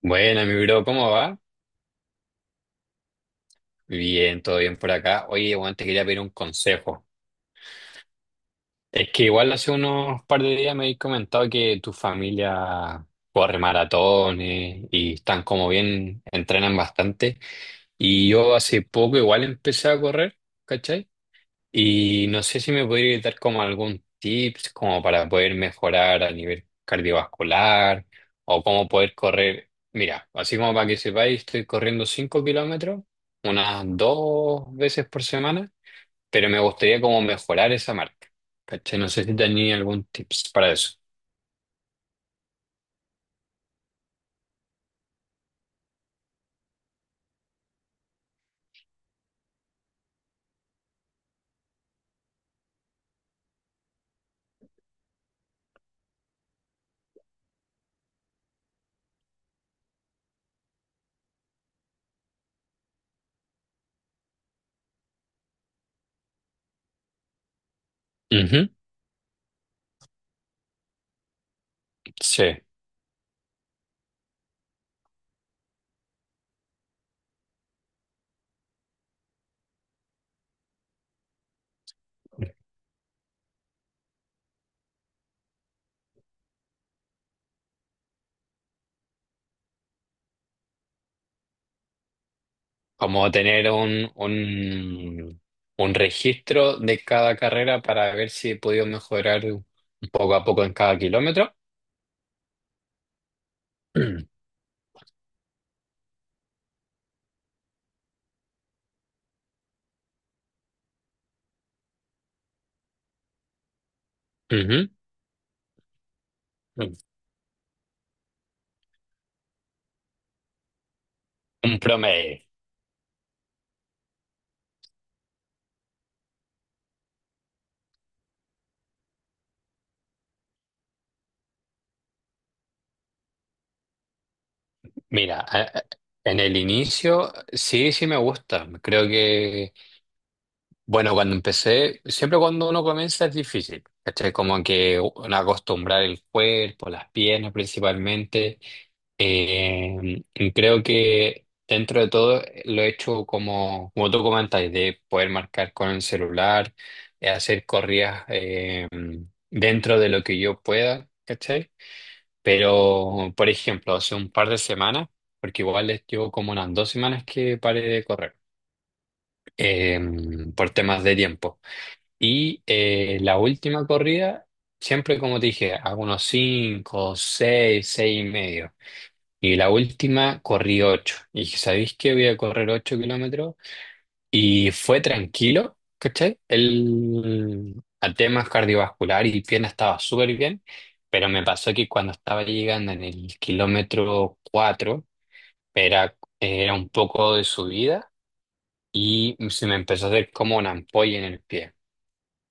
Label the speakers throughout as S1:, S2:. S1: Bueno, mi bro, ¿cómo va? Bien, todo bien por acá. Oye, Juan, te quería pedir un consejo. Es que igual hace unos par de días me habéis comentado que tu familia corre maratones y están como bien, entrenan bastante. Y yo hace poco igual empecé a correr, ¿cachai? Y no sé si me podría dar como algún tips como para poder mejorar a nivel cardiovascular o cómo poder correr. Mira, así como para que sepáis, estoy corriendo 5 kilómetros unas dos veces por semana, pero me gustaría como mejorar esa marca. ¿Cachai? No sé si tenía algún tips para eso. Ujú, sí. Como tener un registro de cada carrera para ver si he podido mejorar un poco a poco en cada kilómetro. Ujú. Un promedio. Mira, en el inicio sí, sí me gusta. Creo que, bueno, cuando empecé, siempre cuando uno comienza es difícil. ¿Cachai? Como que uno acostumbrar el cuerpo, las piernas principalmente. Y creo que dentro de todo lo he hecho como tú comentáis, de poder marcar con el celular, hacer corridas dentro de lo que yo pueda. ¿Cachai? Pero, por ejemplo, hace un par de semanas, porque igual les llevo como unas 2 semanas que paré de correr, eh, por temas de tiempo. Y la última corrida, siempre como te dije, hago unos cinco, seis, seis y medio. Y la última corrí ocho. Y dije, ¿sabéis qué? Voy a correr 8 kilómetros y fue tranquilo, ¿cachai? El, a temas cardiovascular y pierna estaba súper bien, pero me pasó que cuando estaba llegando en el kilómetro 4 era un poco de subida y se me empezó a hacer como una ampolla en el pie.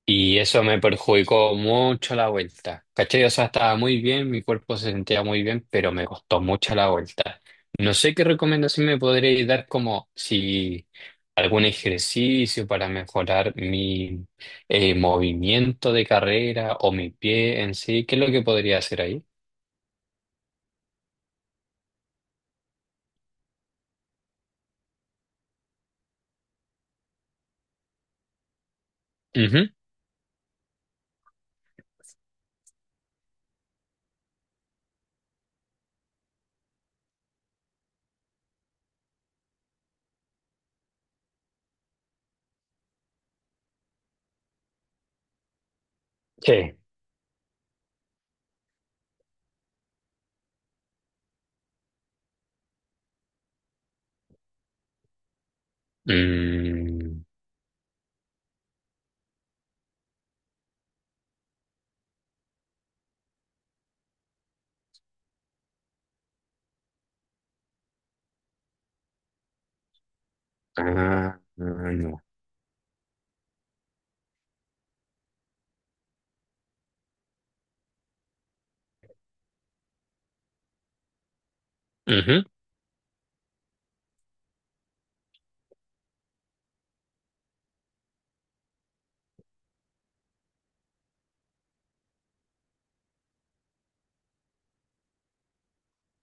S1: Y eso me perjudicó mucho la vuelta. ¿Cachai? O sea, estaba muy bien, mi cuerpo se sentía muy bien, pero me costó mucho la vuelta. No sé qué recomendación me podréis dar como si algún ejercicio para mejorar mi movimiento de carrera o mi pie en sí. ¿Qué es lo que podría hacer ahí? Ujú. Sí. Mm, ah, ah, no.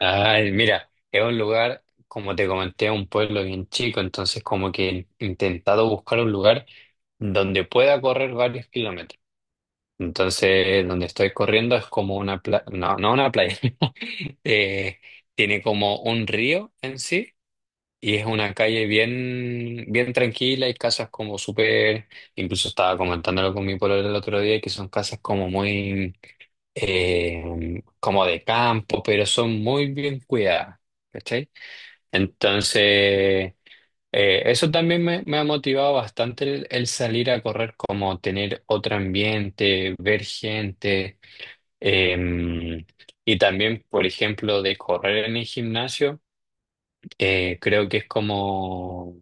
S1: Ay, mira, es un lugar, como te comenté, un pueblo bien chico, entonces como que he intentado buscar un lugar donde pueda correr varios kilómetros. Entonces, donde estoy corriendo es como una playa, no, no una playa. Eh, Tiene como un río en sí y es una calle bien, bien tranquila y casas como súper. Incluso estaba comentándolo con mi pueblo el otro día, que son casas como muy como de campo, pero son muy bien cuidadas, ¿cachai? Entonces, eso también me ha motivado bastante el salir a correr, como tener otro ambiente, ver gente, eh, y también, por ejemplo, de correr en el gimnasio, creo que es como...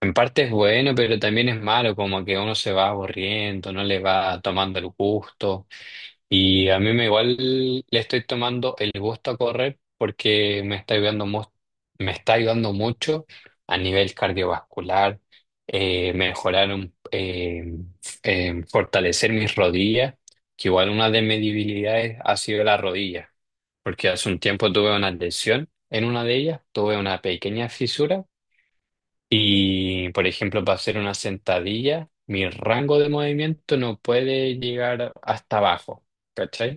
S1: En parte es bueno, pero también es malo, como que uno se va aburriendo, no le va tomando el gusto. Y a mí me igual le estoy tomando el gusto a correr porque me está ayudando, me está ayudando mucho a nivel cardiovascular, eh, mejorar, un- eh, fortalecer mis rodillas, que igual una de mis debilidades ha sido la rodilla, porque hace un tiempo tuve una lesión en una de ellas, tuve una pequeña fisura y, por ejemplo, para hacer una sentadilla, mi rango de movimiento no puede llegar hasta abajo. ¿Cachai?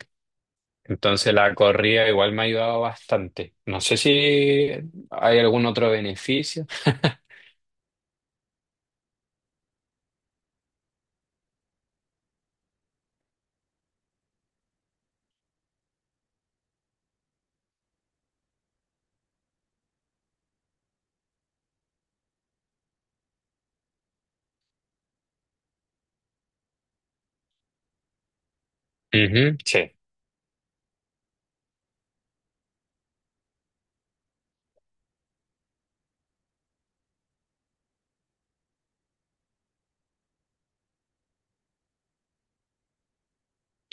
S1: Entonces la corrida igual me ha ayudado bastante. No sé si hay algún otro beneficio. Ujú, sí,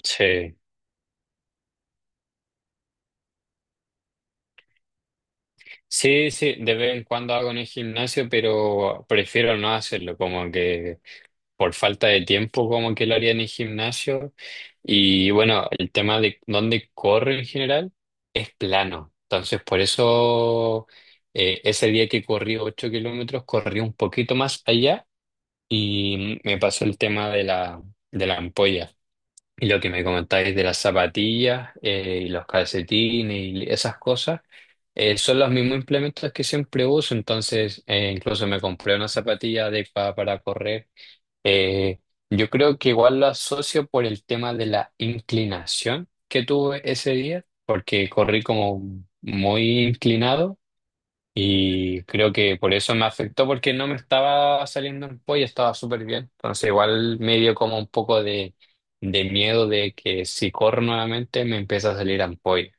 S1: sí. Sí, sí, de vez en cuando hago en el gimnasio, pero prefiero no hacerlo, como que por falta de tiempo, como que lo haría en el gimnasio. Y bueno, el tema de dónde corre en general es plano. Entonces, por eso ese día que corrí 8 kilómetros, corrí un poquito más allá y me pasó el tema de de la ampolla. Y lo que me comentáis de las zapatillas y los calcetines y esas cosas son los mismos implementos que siempre uso. Entonces, incluso me compré una zapatilla adecuada para correr. Eh, yo creo que igual lo asocio por el tema de la inclinación que tuve ese día, porque corrí como muy inclinado. Y creo que por eso me afectó, porque no me estaba saliendo en pollo, estaba súper bien. Entonces igual me dio como un poco de miedo de que si corro nuevamente me empieza a salir ampolla.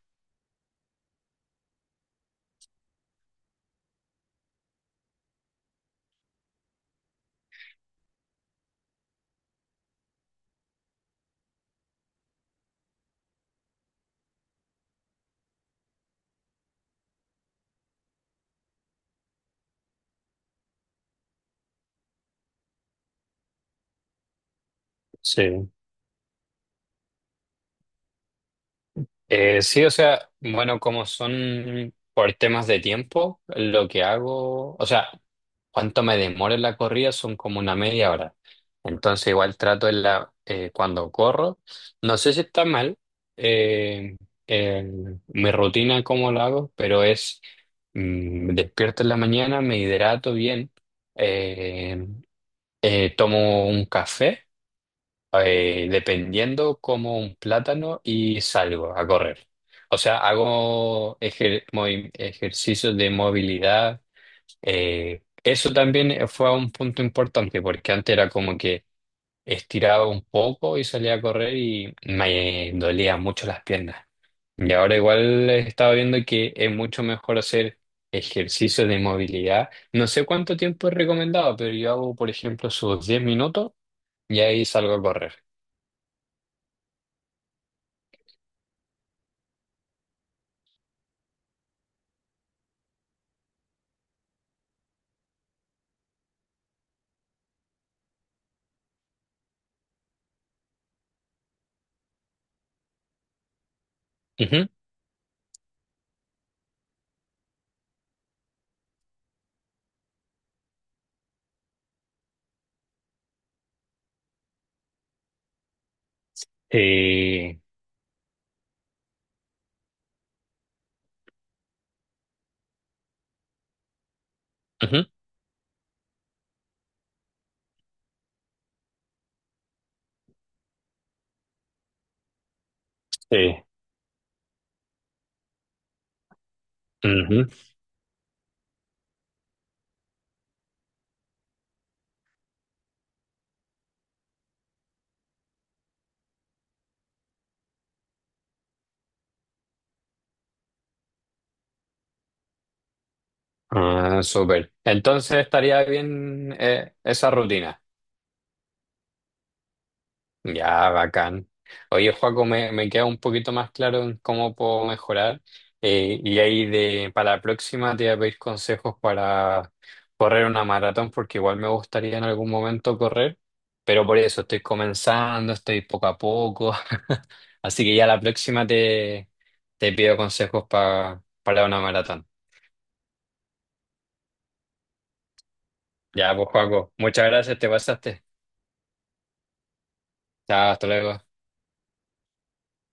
S1: Sí. Sí, o sea, bueno, como son por temas de tiempo, lo que hago, o sea, cuánto me demoro en la corrida son como una media hora. Entonces igual trato en cuando corro, no sé si está mal, eh, mi rutina, cómo lo hago, pero es, me despierto en la mañana, me hidrato bien, eh, tomo un café dependiendo como un plátano y salgo a correr. O sea, hago ejercicios de movilidad. Eso también fue un punto importante porque antes era como que estiraba un poco y salía a correr y me dolía mucho las piernas. Y ahora igual estaba viendo que es mucho mejor hacer ejercicios de movilidad. No sé cuánto tiempo es recomendado, pero yo hago, por ejemplo, sus 10 minutos y ahí salgo a correr. Eh, Ujú. Sí. Ujú. Ah, súper. Entonces estaría bien, esa rutina. Ya, bacán. Oye, Joaco, me queda un poquito más claro en cómo puedo mejorar. Y ahí para la próxima te voy a pedir consejos para correr una maratón, porque igual me gustaría en algún momento correr, pero por eso estoy comenzando, estoy poco a poco. Así que ya la próxima te pido consejos para una maratón. Ya, pues Paco, muchas gracias, te pasaste. Chao, hasta luego.